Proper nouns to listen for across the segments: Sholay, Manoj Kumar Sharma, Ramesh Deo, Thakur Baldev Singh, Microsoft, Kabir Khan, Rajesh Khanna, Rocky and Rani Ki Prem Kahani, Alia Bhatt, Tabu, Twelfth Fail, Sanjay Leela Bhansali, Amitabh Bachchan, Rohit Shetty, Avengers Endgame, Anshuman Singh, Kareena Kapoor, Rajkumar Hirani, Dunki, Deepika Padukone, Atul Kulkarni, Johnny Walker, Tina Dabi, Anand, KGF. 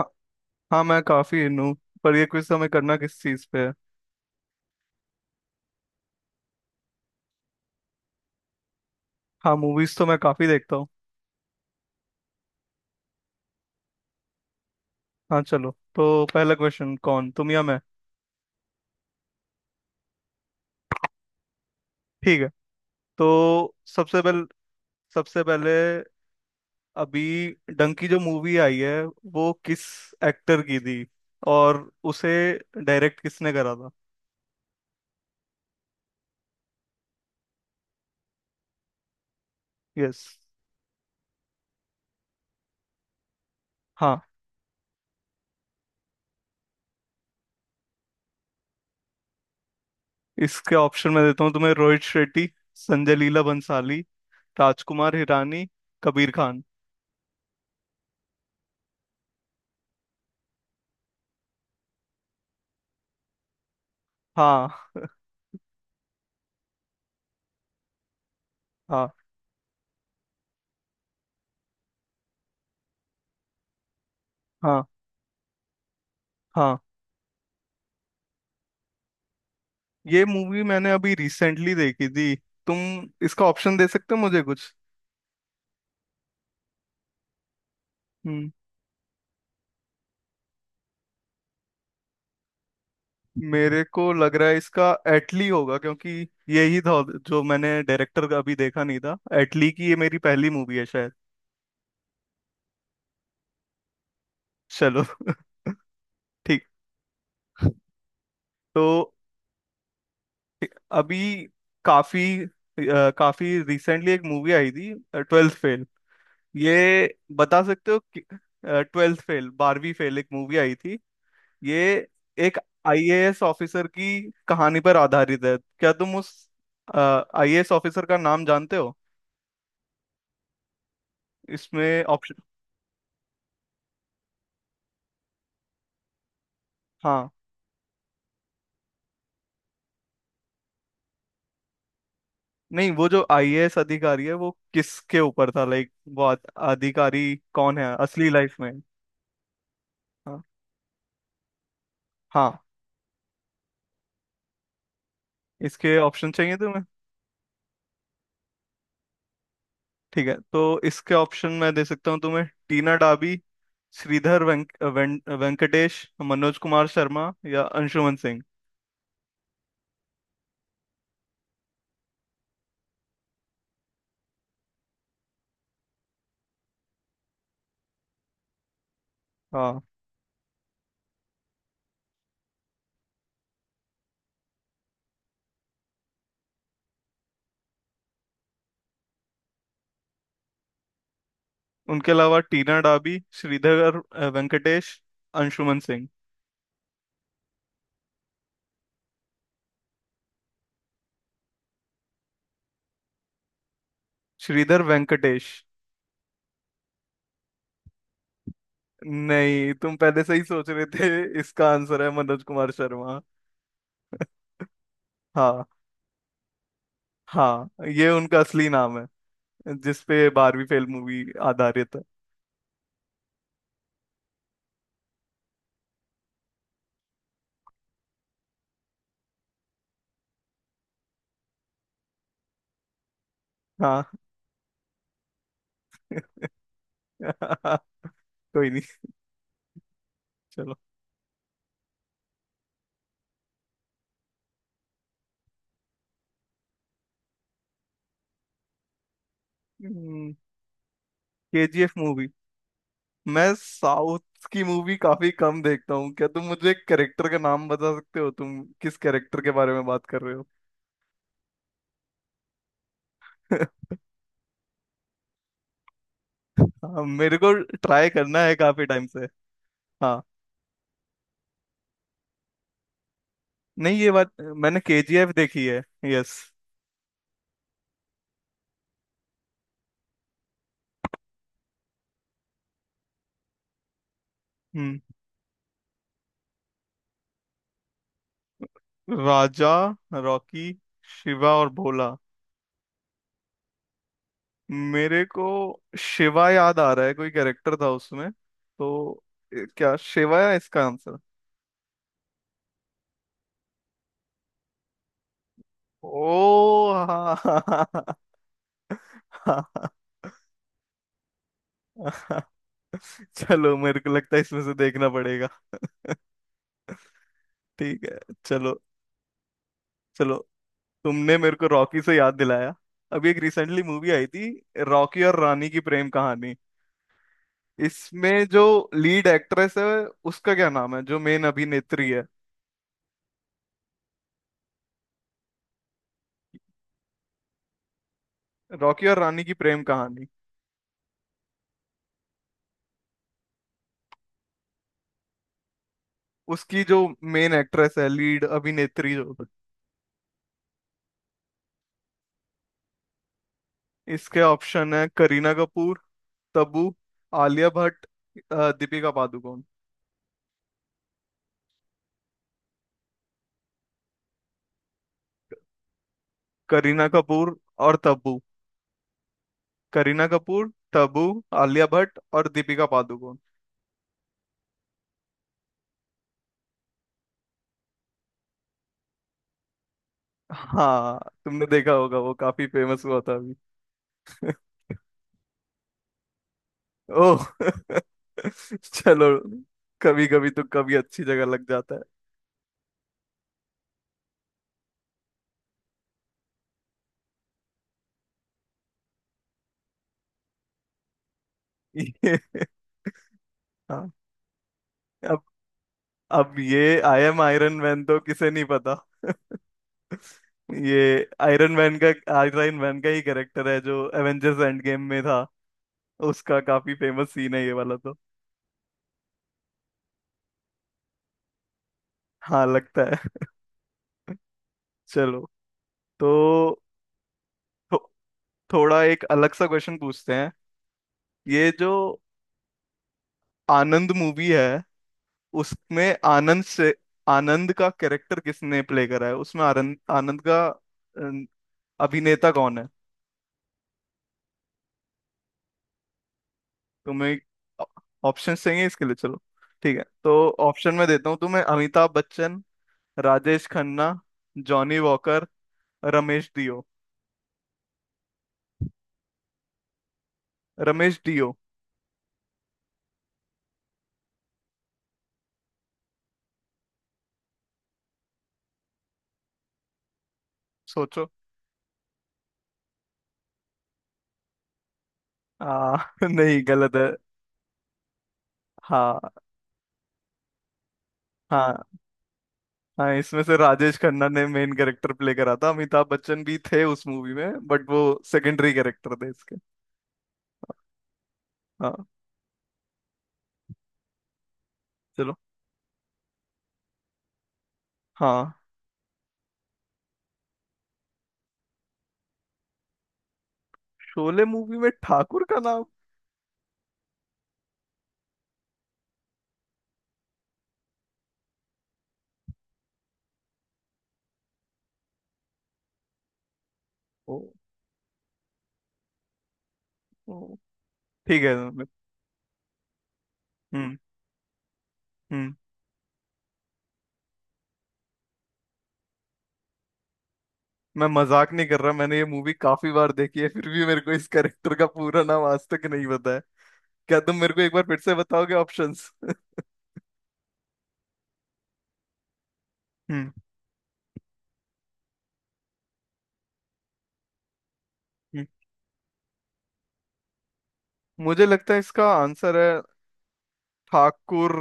हाँ। हाँ, मैं काफी इन हूँ। पर ये क्विज हमें करना किस चीज पे है? हाँ, मूवीज तो मैं काफी देखता हूँ। हाँ चलो, तो पहला क्वेश्चन कौन, तुम या मैं? ठीक है, तो सबसे पहले सबसे पहले अभी डंकी जो मूवी आई है, वो किस एक्टर की थी और उसे डायरेक्ट किसने करा था? यस। हाँ, इसके ऑप्शन मैं देता हूँ तुम्हें। रोहित शेट्टी, संजय लीला भंसाली, राजकुमार हिरानी, कबीर खान। हाँ। हाँ। हाँ। हाँ, ये मूवी मैंने अभी रिसेंटली देखी थी। तुम इसका ऑप्शन दे सकते हो मुझे कुछ? हम्म, मेरे को लग रहा है इसका एटली होगा, क्योंकि यही था जो मैंने डायरेक्टर का अभी देखा नहीं था। एटली की ये मेरी पहली मूवी है शायद। चलो ठीक। तो अभी काफी रिसेंटली एक मूवी आई थी, ट्वेल्थ फेल। ये बता सकते हो? ट्वेल्थ फेल, बारहवीं फेल, एक मूवी आई थी। ये एक आईएएस ऑफिसर की कहानी पर आधारित है। क्या तुम उस आईएएस ऑफिसर का नाम जानते हो? इसमें ऑप्शन। हाँ, नहीं, वो जो आईएएस अधिकारी है, वो किसके ऊपर था, लाइक अधिकारी कौन है असली लाइफ में? हाँ, हाँ, इसके ऑप्शन चाहिए तुम्हें? ठीक है, तो इसके ऑप्शन मैं दे सकता हूँ तुम्हें। टीना डाबी, श्रीधर वेंकटेश, मनोज कुमार शर्मा या अंशुमन सिंह। हाँ, उनके अलावा टीना डाबी, श्रीधर वेंकटेश, अंशुमन सिंह। श्रीधर वेंकटेश। नहीं, तुम पहले से ही सोच रहे थे, इसका आंसर है मनोज कुमार शर्मा। हाँ। हाँ, ये उनका असली नाम है, जिसपे बारहवीं फेल मूवी आधारित है। हाँ कोई नहीं, चलो। के जी एफ मूवी। मैं साउथ की मूवी काफी कम देखता हूँ। क्या तुम मुझे एक कैरेक्टर का नाम बता सकते हो? तुम किस कैरेक्टर के बारे में बात कर रहे हो? हाँ, मेरे को ट्राई करना है काफी टाइम से। हाँ, नहीं ये बात, मैंने केजीएफ देखी है। यस। हम्म। राजा, रॉकी, शिवा और भोला। मेरे को शिवा याद आ रहा है, कोई कैरेक्टर था उसमें तो। क्या शिवा है इसका आंसर? ओ हाँ हाँ हाँ, हाँ, हाँ, हाँ। चलो, मेरे को लगता है इसमें से देखना पड़ेगा। ठीक है, चलो। चलो, तुमने मेरे को रॉकी से याद दिलाया। अभी एक रिसेंटली मूवी आई थी, रॉकी और रानी की प्रेम कहानी। इसमें जो लीड एक्ट्रेस है, उसका क्या नाम है, जो मेन अभिनेत्री है? रॉकी और रानी की प्रेम कहानी। उसकी जो मेन एक्ट्रेस है, लीड अभिनेत्री जो, इसके ऑप्शन है करीना कपूर, तब्बू, आलिया भट्ट, दीपिका पादुकोण। करीना कपूर और तब्बू। करीना कपूर, तब्बू, आलिया भट्ट और दीपिका पादुकोण। हाँ, तुमने देखा होगा, वो काफी फेमस हुआ था अभी। ओह चलो। कभी कभी तो कभी अच्छी जगह लग जाता है। ये। हाँ। अब अब ये आई एम आयरन मैन तो किसे नहीं पता। ये आयरन मैन का, आयरन मैन का ही कैरेक्टर है जो एवेंजर्स एंड गेम में था। उसका काफी फेमस सीन है ये वाला तो। हाँ लगता है। चलो। तो थो, थोड़ा एक अलग सा क्वेश्चन पूछते हैं। ये जो आनंद मूवी है, उसमें आनंद से, आनंद का कैरेक्टर किसने प्ले करा है उसमें? आनंद आनंद का अ, अभिनेता कौन है? तुम्हें ऑप्शन चाहिए इसके लिए? चलो ठीक है, तो ऑप्शन में देता हूँ तुम्हें। अमिताभ बच्चन, राजेश खन्ना, जॉनी वॉकर, रमेश डियो। रमेश डियो। सोचो। आ, नहीं, गलत है। हाँ। हाँ, हाँ, इसमें से राजेश खन्ना ने मेन कैरेक्टर प्ले करा था। अमिताभ बच्चन भी थे उस मूवी में, बट वो सेकेंडरी कैरेक्टर थे इसके। हाँ, चलो। हाँ, शोले मूवी में ठाकुर का नाम। ओ, ओ। ठीक है, मैं। हम्म। हम्म, मैं मजाक नहीं कर रहा, मैंने ये मूवी काफी बार देखी है, फिर भी मेरे को इस कैरेक्टर का पूरा नाम आज तक नहीं पता है। क्या तुम मेरे को एक बार फिर से बताओगे ऑप्शंस? हम्म। हम्म। मुझे लगता है इसका आंसर है ठाकुर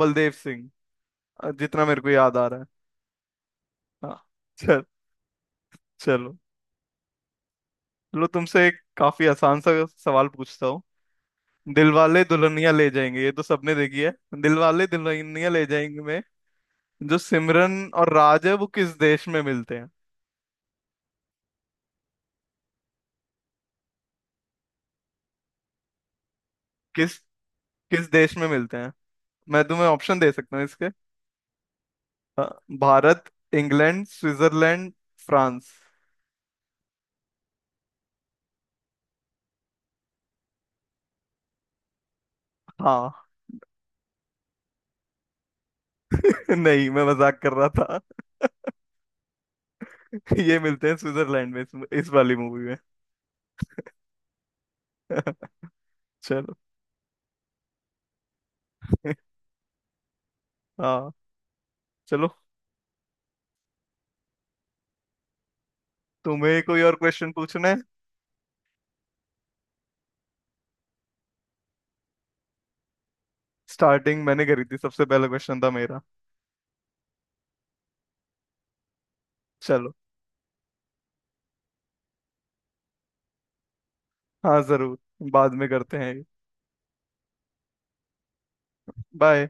बलदेव सिंह, जितना मेरे को याद आ रहा है। हाँ। चल, चलो। चलो, तुमसे एक काफी आसान सा सवाल पूछता हूँ। दिलवाले दुल्हनिया ले जाएंगे, ये तो सबने देखी है। दिलवाले दुल्हनिया ले जाएंगे में जो सिमरन और राज है, वो किस देश में मिलते हैं? किस किस देश में मिलते हैं? मैं तुम्हें ऑप्शन दे सकता हूँ इसके। अ, भारत, इंग्लैंड, स्विट्जरलैंड, फ्रांस। हाँ नहीं मैं मजाक कर रहा था। ये मिलते हैं स्विट्जरलैंड में इस वाली मूवी में। चलो। हाँ, चलो। तुम्हें कोई और क्वेश्चन पूछना है? स्टार्टिंग मैंने करी थी, सबसे पहला क्वेश्चन था मेरा। चलो, हाँ जरूर, बाद में करते हैं। बाय।